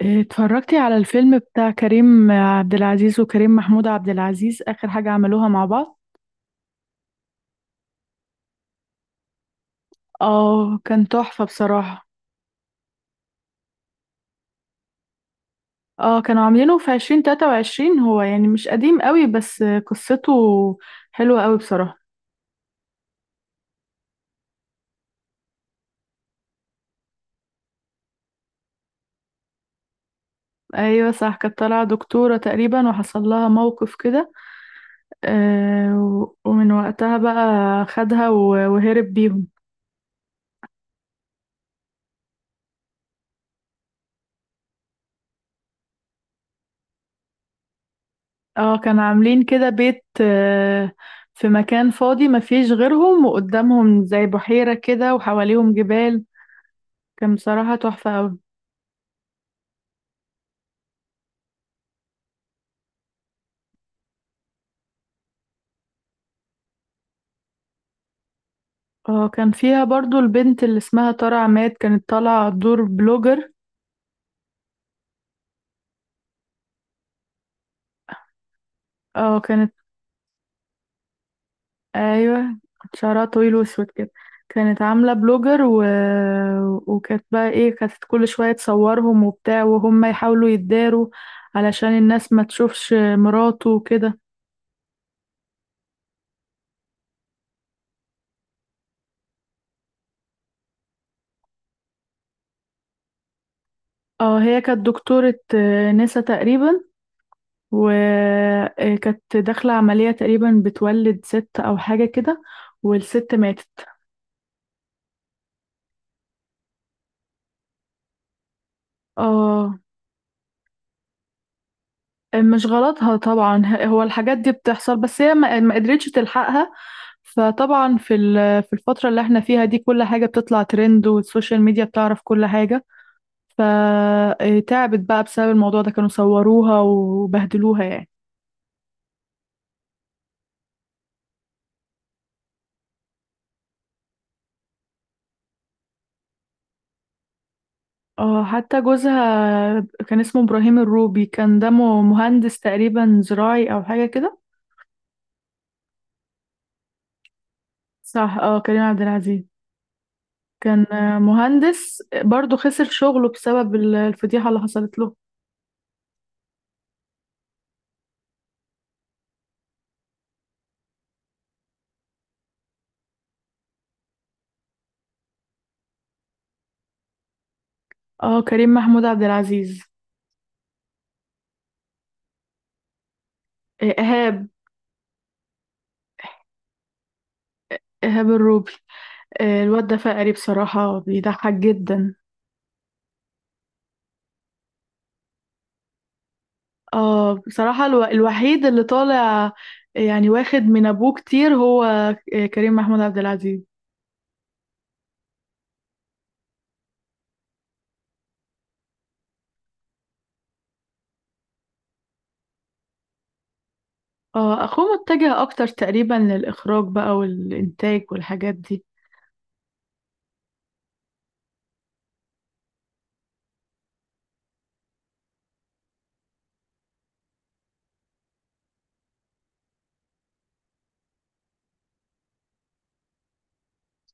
اتفرجتي على الفيلم بتاع كريم عبد العزيز وكريم محمود عبد العزيز آخر حاجة عملوها مع بعض؟ اه كان تحفة بصراحة. اه كانوا عاملينه في 2023، هو يعني مش قديم قوي، بس قصته حلوة قوي بصراحة. ايوه صح، كانت طالعة دكتورة تقريبا وحصل لها موقف كده. آه ومن وقتها بقى خدها وهرب بيهم. اه كانوا عاملين كده بيت، في مكان فاضي ما فيش غيرهم، وقدامهم زي بحيرة كده وحواليهم جبال. كان بصراحة تحفة أوي. اه كان فيها برضو البنت اللي اسمها ترى عماد، كانت طالعة دور بلوجر. اه كانت. ايوه، كانت شعرها طويل واسود كده. كانت عاملة بلوجر وكانت بقى ايه، كانت كل شوية تصورهم وبتاع، وهم يحاولوا يتداروا علشان الناس ما تشوفش مراته وكده. اه هي كانت دكتورة، نسا تقريبا، وكانت داخلة عملية تقريبا بتولد ست أو حاجة كده، والست ماتت. اه مش غلطها طبعا، هو الحاجات دي بتحصل، بس هي ما قدرتش تلحقها. فطبعا في الفترة اللي احنا فيها دي، كل حاجة بتطلع ترند، والسوشيال ميديا بتعرف كل حاجة. فتعبت بقى بسبب الموضوع ده، كانوا صوروها وبهدلوها يعني. اه حتى جوزها كان اسمه إبراهيم الروبي، كان دمه مهندس تقريبا زراعي أو حاجة كده. صح اه كريم عبد العزيز. كان، مهندس برضه، خسر شغله بسبب الفضيحة اللي حصلت له. اه كريم محمود عبد العزيز. إيهاب. إيهاب الروبي. الواد ده فقري بصراحة، بيضحك جدا. اه بصراحة الوحيد اللي طالع يعني واخد من أبوه كتير هو، كريم محمود عبد العزيز. اه أخوه متجه أكتر تقريبا للإخراج بقى والإنتاج والحاجات دي.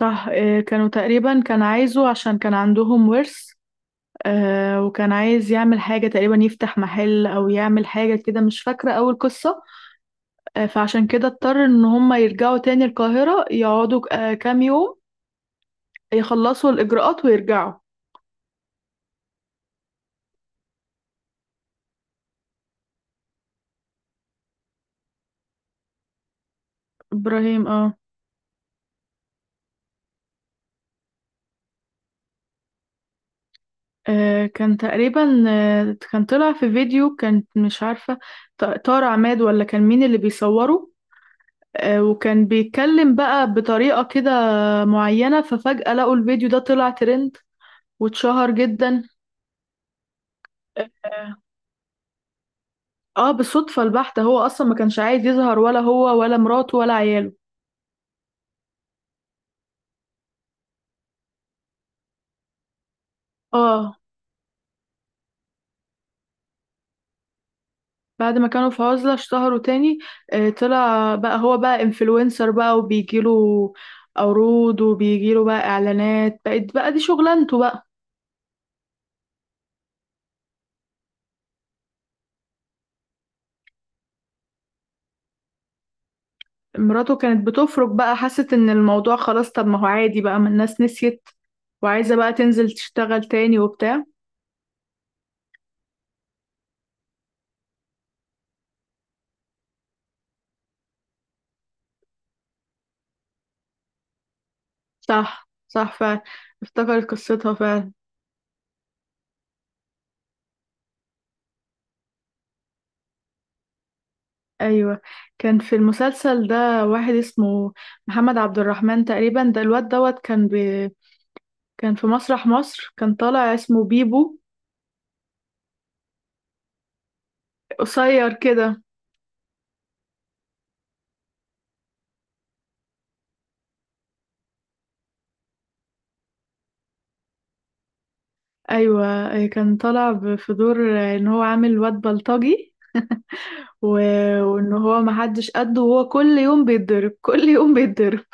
صح، كانوا تقريبا كان عايزه عشان كان عندهم ورث. آه وكان عايز يعمل حاجة تقريبا، يفتح محل أو يعمل حاجة كده، مش فاكرة أول قصة. آه فعشان كده اضطر إن هما يرجعوا تاني القاهرة، يقعدوا كام يوم يخلصوا الإجراءات ويرجعوا. إبراهيم اه. كان تقريبا، كان طلع في فيديو، كان مش عارفة طارق عماد ولا كان مين اللي بيصوره. وكان بيتكلم بقى بطريقة كده معينة، ففجأة لقوا الفيديو ده طلع ترند واتشهر جدا. آه. اه بالصدفة البحتة، هو اصلا ما كانش عايز يظهر ولا هو ولا مراته ولا عياله. اه بعد ما كانوا في عزلة اشتهروا تاني. آه طلع بقى هو بقى انفلونسر بقى، وبيجيله عروض، وبيجيله بقى اعلانات، بقت بقى دي شغلانته بقى. مراته كانت بتفرج بقى، حست ان الموضوع خلاص، طب ما هو عادي بقى، ما الناس نسيت، وعايزة بقى تنزل تشتغل تاني وبتاع. صح، صح، فعلا، افتكرت قصتها فعلا. ايوه كان في المسلسل ده واحد اسمه محمد عبد الرحمن تقريبا، ده الواد دوت كان كان في مسرح مصر، كان طالع اسمه بيبو، قصير كده. ايوه كان طالع في دور ان هو عامل واد بلطجي و... وان هو محدش قده، وهو كل يوم بيتضرب، كل يوم بيتضرب.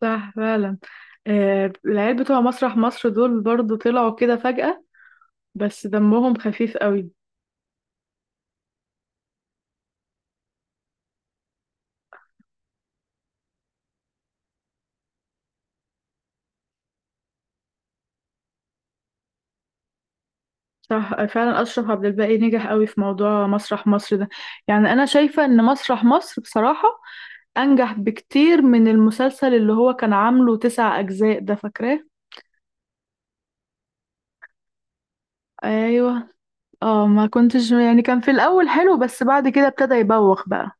صح فعلا. العيال بتوع مسرح مصر دول برضو طلعوا كده فجأة، بس دمهم خفيف قوي. صح فعلا، أشرف عبد الباقي نجح قوي في موضوع مسرح مصر ده، يعني أنا شايفة إن مسرح مصر بصراحة أنجح بكتير من المسلسل اللي هو كان عامله تسع أجزاء، ده فاكراه؟ أيوه. اه ما كنتش يعني، كان في الأول حلو بس بعد كده ابتدى يبوخ بقى.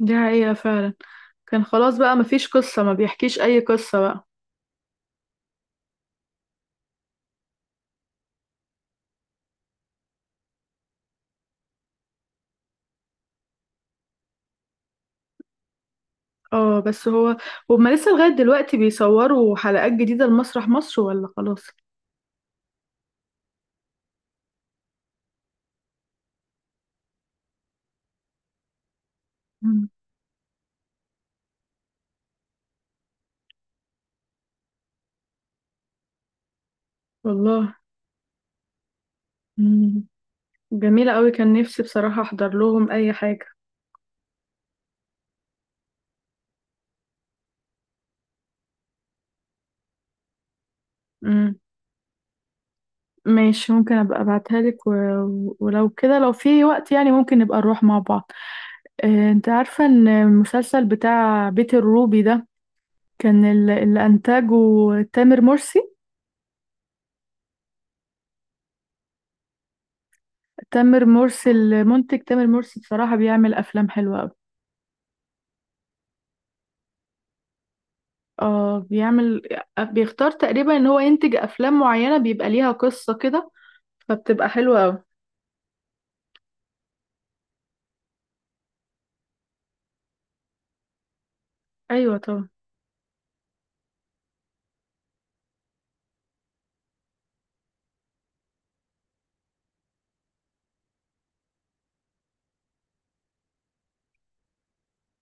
دي حقيقة فعلا، كان خلاص بقى مفيش قصة، ما بيحكيش أي قصة بقى. اه بس هو، هما لسه لغاية دلوقتي بيصوروا حلقات جديدة لمسرح مصر ولا خلاص؟ مم. والله. مم. جميلة قوي، كان نفسي بصراحة احضر لهم اي حاجة. امم. ماشي، ممكن ابقى ابعتها لك ولو كده، لو في وقت يعني ممكن نبقى نروح مع بعض. انت عارفة ان المسلسل بتاع بيت الروبي ده كان اللي انتاجه تامر مرسي. تامر مرسي المنتج، تامر مرسي بصراحة بيعمل افلام حلوة قوي. اه بيعمل، بيختار تقريبا ان هو ينتج افلام معينة بيبقى ليها قصة كده، فبتبقى حلوة قوي. ايوه طبعا.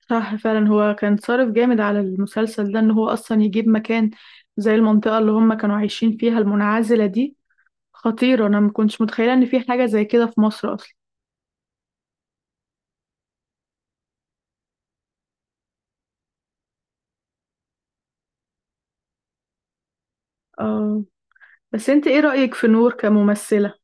صح فعلا، هو كان صارف جامد على المسلسل ده ان هو اصلا يجيب مكان زي المنطقة اللي هم كانوا عايشين فيها المنعزلة دي، خطيرة، انا ما كنتش متخيلة ان في حاجة زي كده في مصر اصلا. آه. بس انت ايه رأيك في نور كممثلة؟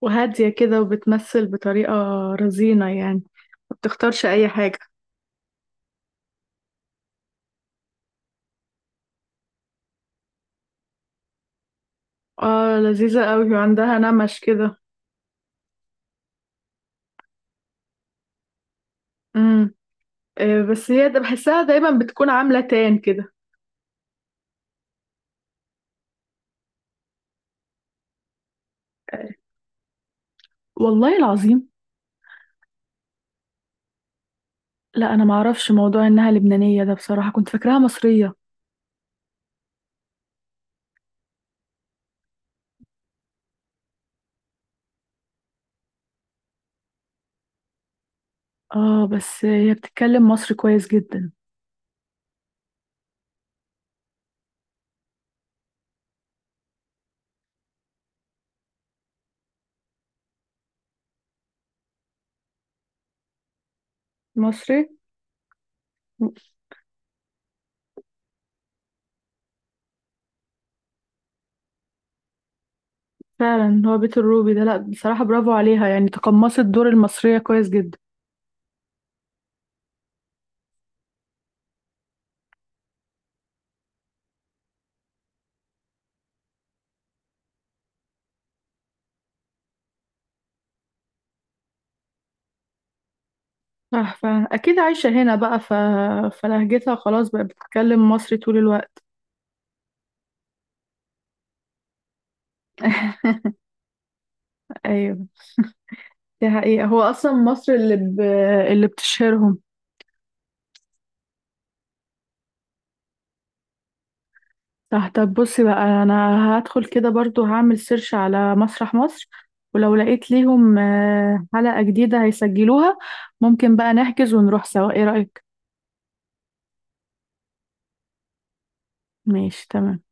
وهادية كده وبتمثل بطريقة رزينة يعني، ما بتختارش اي حاجة. اه لذيذة قوي، وعندها نمش كده. امم. بس هي ده بحسها دايما بتكون عاملة تان كده. والله العظيم. لا انا ما اعرفش موضوع انها لبنانية ده، بصراحة كنت فاكراها مصرية. اه بس هي بتتكلم مصري كويس جدا. مصري. فعلا، هو بيت الروبي ده، لا بصراحة برافو عليها، يعني تقمصت دور المصرية كويس جدا. صح فعلا، اكيد عايشة هنا بقى، فلهجتها خلاص بقى بتتكلم مصري طول الوقت. ايوه، دي حقيقة، هو اصلا مصر اللي بتشهرهم. صح، طب بصي بقى، انا هدخل كده برضو، هعمل سيرش على مسرح مصر، ولو لقيت ليهم حلقة جديدة هيسجلوها، ممكن بقى نحجز ونروح سوا، ايه رأيك؟ ماشي تمام.